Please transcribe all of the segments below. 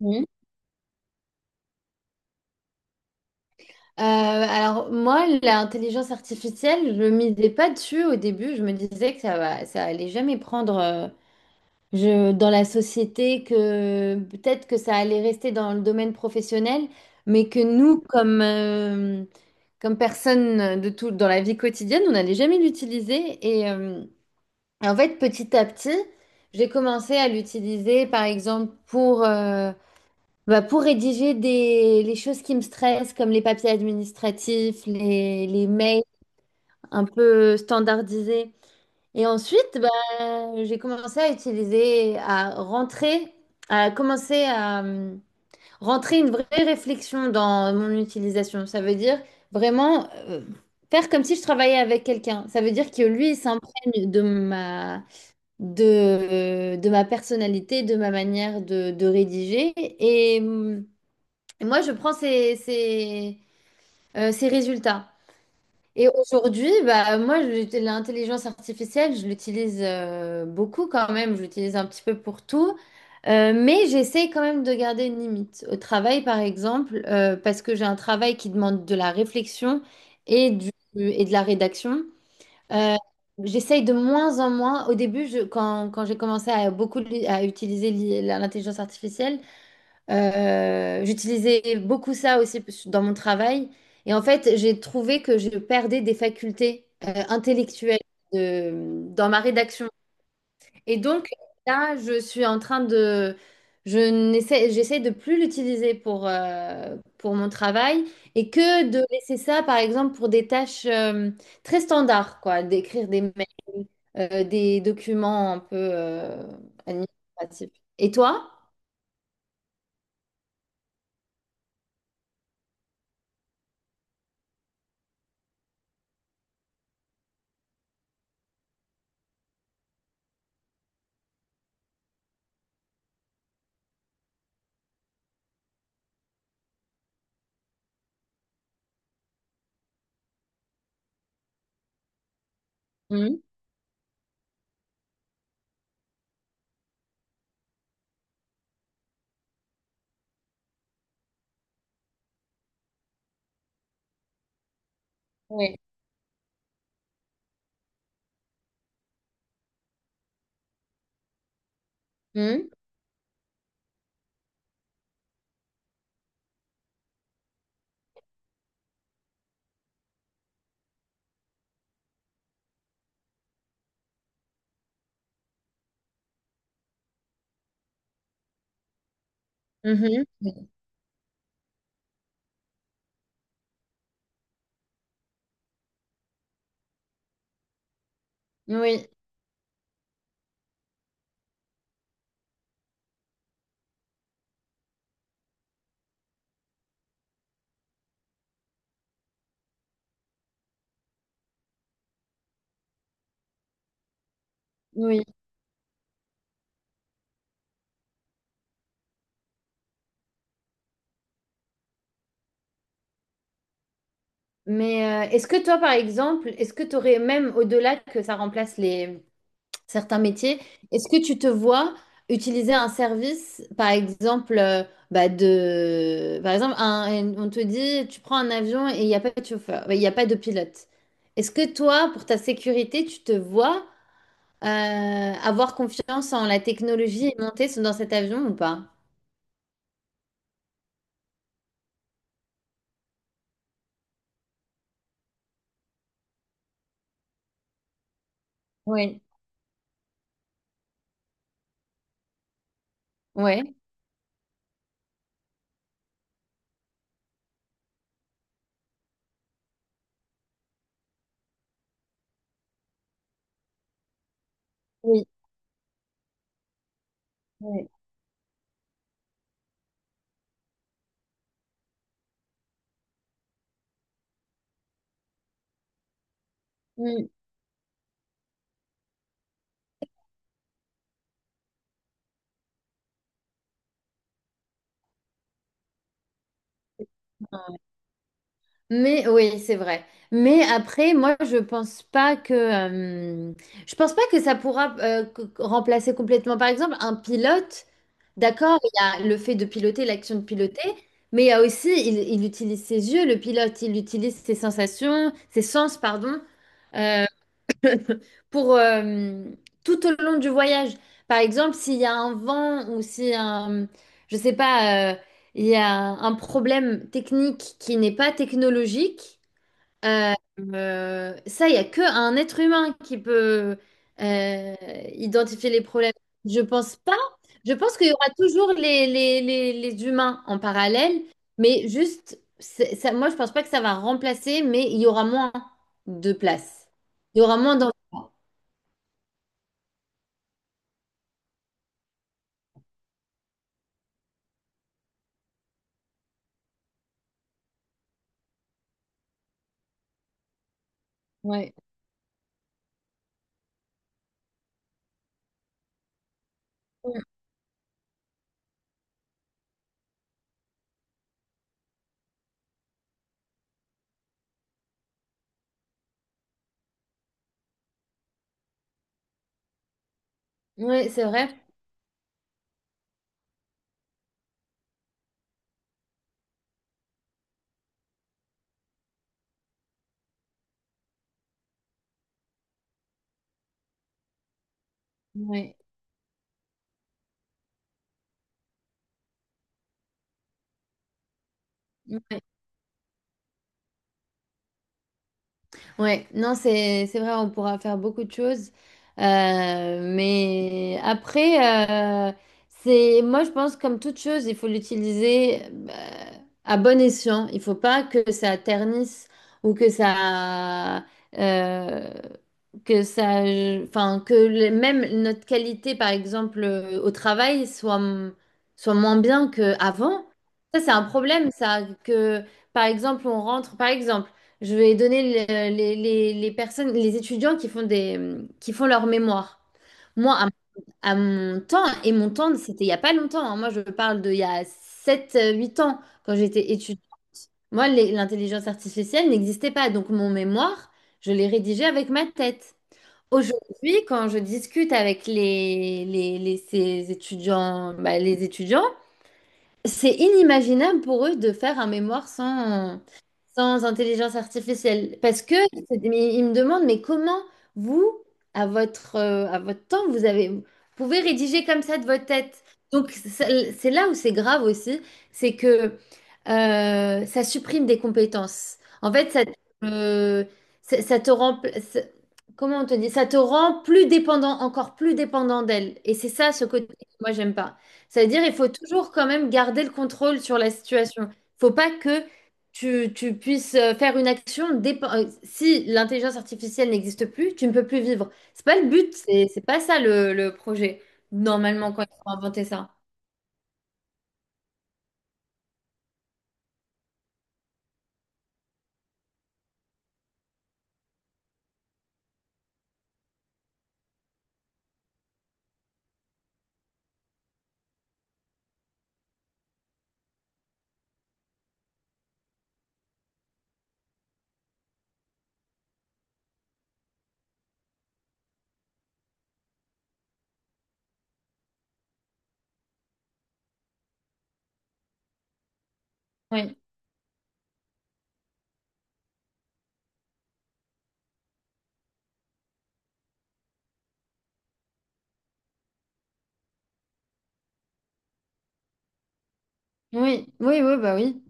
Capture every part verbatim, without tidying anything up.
Mhm. Euh, alors moi, l'intelligence artificielle, je ne misais pas dessus au début. Je me disais que ça va, ça allait jamais prendre euh, je, dans la société, que peut-être que ça allait rester dans le domaine professionnel, mais que nous, comme, euh, comme personne de tout, dans la vie quotidienne, on n'allait jamais l'utiliser. Et euh, en fait, petit à petit, j'ai commencé à l'utiliser, par exemple, pour... euh, Bah, pour rédiger des, les choses qui me stressent, comme les papiers administratifs, les, les mails un peu standardisés. Et ensuite, bah, j'ai commencé à utiliser, à rentrer, à commencer à hum, rentrer une vraie réflexion dans mon utilisation. Ça veut dire vraiment euh, faire comme si je travaillais avec quelqu'un. Ça veut dire que lui, il s'imprègne de ma, de, de ma personnalité, de ma manière de, de rédiger. Et. Hum, et moi, je prends ces, ces, euh, ces résultats. Et aujourd'hui, bah, moi, je- l'intelligence artificielle, je l'utilise euh, beaucoup quand même. Je l'utilise un petit peu pour tout. Euh, mais j'essaie quand même de garder une limite. Au travail, par exemple, euh, parce que j'ai un travail qui demande de la réflexion et, du, et de la rédaction. euh, J'essaye de moins en moins. Au début, je- quand, quand j'ai commencé à beaucoup li- à utiliser l'I- l'intelligence artificielle, euh, j'utilisais beaucoup ça aussi dans mon travail. Et en fait, j'ai trouvé que je perdais des facultés euh, intellectuelles de- dans ma rédaction. Et donc, là, je suis en train de... Je n'essaie, j'essaie de plus l'utiliser pour, euh, pour mon travail et que de laisser ça, par exemple, pour des tâches euh, très standards, quoi, d'écrire des mails, euh, des documents un peu euh, administratifs. Et toi? Mhm. Oui. Mhm. Oui, oui. Mais euh, est-ce que toi, par exemple, est-ce que tu aurais, même au-delà que ça remplace les certains métiers, est-ce que tu te vois utiliser un service, par exemple, euh, bah de, par exemple, un- un- on te dit, tu prends un avion et il n'y a pas de chauffeur, il n'y a pas de pilote. Est-ce que toi, pour ta sécurité, tu te vois euh, avoir confiance en la technologie et monter dans cet avion ou pas? Oui, ouais, oui, oui. Mais oui, c'est vrai. Mais après, moi, je pense pas que euh, je pense pas que ça pourra euh, c- remplacer complètement. Par exemple, un pilote, d'accord, il y a le fait de piloter, l'action de piloter, mais il y a aussi, il, il utilise ses yeux, le pilote, il utilise ses sensations, ses sens, pardon, euh, pour euh, tout au long du voyage. Par exemple, s'il y a un vent ou si un, je sais pas, euh, il y a un problème technique qui n'est pas technologique. Euh, euh, Ça, il n'y a que un être humain qui peut euh, identifier les problèmes. Je pense pas. Je pense qu'il y aura toujours les, les, les, les humains en parallèle, mais juste, c'est- ça, moi, je pense pas que ça va remplacer, mais il y aura moins de place. Il y aura moins d'en... Ouais, oui, c'est vrai. Ouais, ouais. Ouais, non, c'est c'est vrai, on pourra faire beaucoup de choses. Euh, mais après, euh, c'est moi, je pense, comme toute chose, il faut l'utiliser euh, à bon escient. Il faut pas que ça ternisse ou que ça, euh, que ça, enfin, que le- même notre qualité, par exemple, euh, au travail soit, m- soit moins bien qu'avant. Ça, c'est un problème, ça, que. Par exemple, on rentre, par exemple, je vais donner le- les, les- les personnes, les étudiants qui font des, qui font leur mémoire. Moi, à, à mon temps, et mon temps, c'était il n'y a pas longtemps. Hein. Moi, je parle de il y a sept euh, huit ans, quand j'étais étudiante. Moi, les- l'intelligence artificielle n'existait pas. Donc, mon mémoire, je l'ai rédigé avec ma tête. Aujourd'hui, quand je discute avec les, les, les- ces étudiants, bah, les étudiants, c'est inimaginable pour eux de faire un mémoire sans, sans intelligence artificielle. Parce que, c'est- mais ils me demandent, mais comment vous, à votre, euh, à votre temps, vous avez, vous pouvez rédiger comme ça de votre tête? Donc, c'est c'est là où c'est grave aussi, c'est que euh, ça supprime des compétences. En fait, ça, euh, ça, ça te rend, ça- comment on te dit? Ça te rend plus dépendant, encore plus dépendant d'elle. Et c'est ça, ce côté que moi, j'aime pas. Ça veut dire il faut toujours quand même garder le contrôle sur la situation. Faut pas que tu, tu puisses euh, faire une action dépe- euh, si l'intelligence artificielle n'existe plus, tu ne peux plus vivre. C'est pas le but, c'est c'est pas ça le, le projet. Normalement, quand ils ont inventé ça. Oui, oui, oui, oui, bah oui.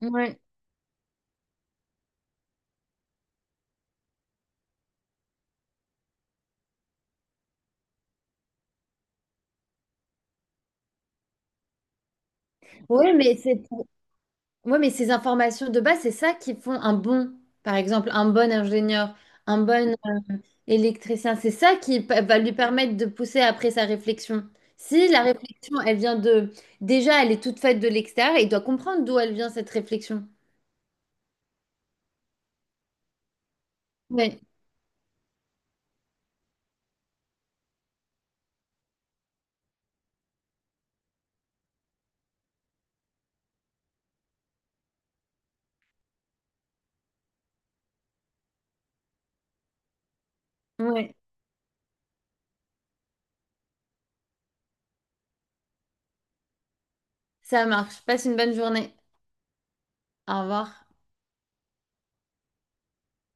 Oui, oui, mais c'est pour- ouais, mais ces informations de base, c'est ça qui font un bon, par exemple, un bon ingénieur, un bon électricien, c'est ça qui pa- va lui permettre de pousser après sa réflexion. Si la réflexion, elle vient de... Déjà, elle est toute faite de l'extérieur, il doit comprendre d'où elle vient cette réflexion. Oui, oui. Ça marche. Passe une bonne journée. Au revoir.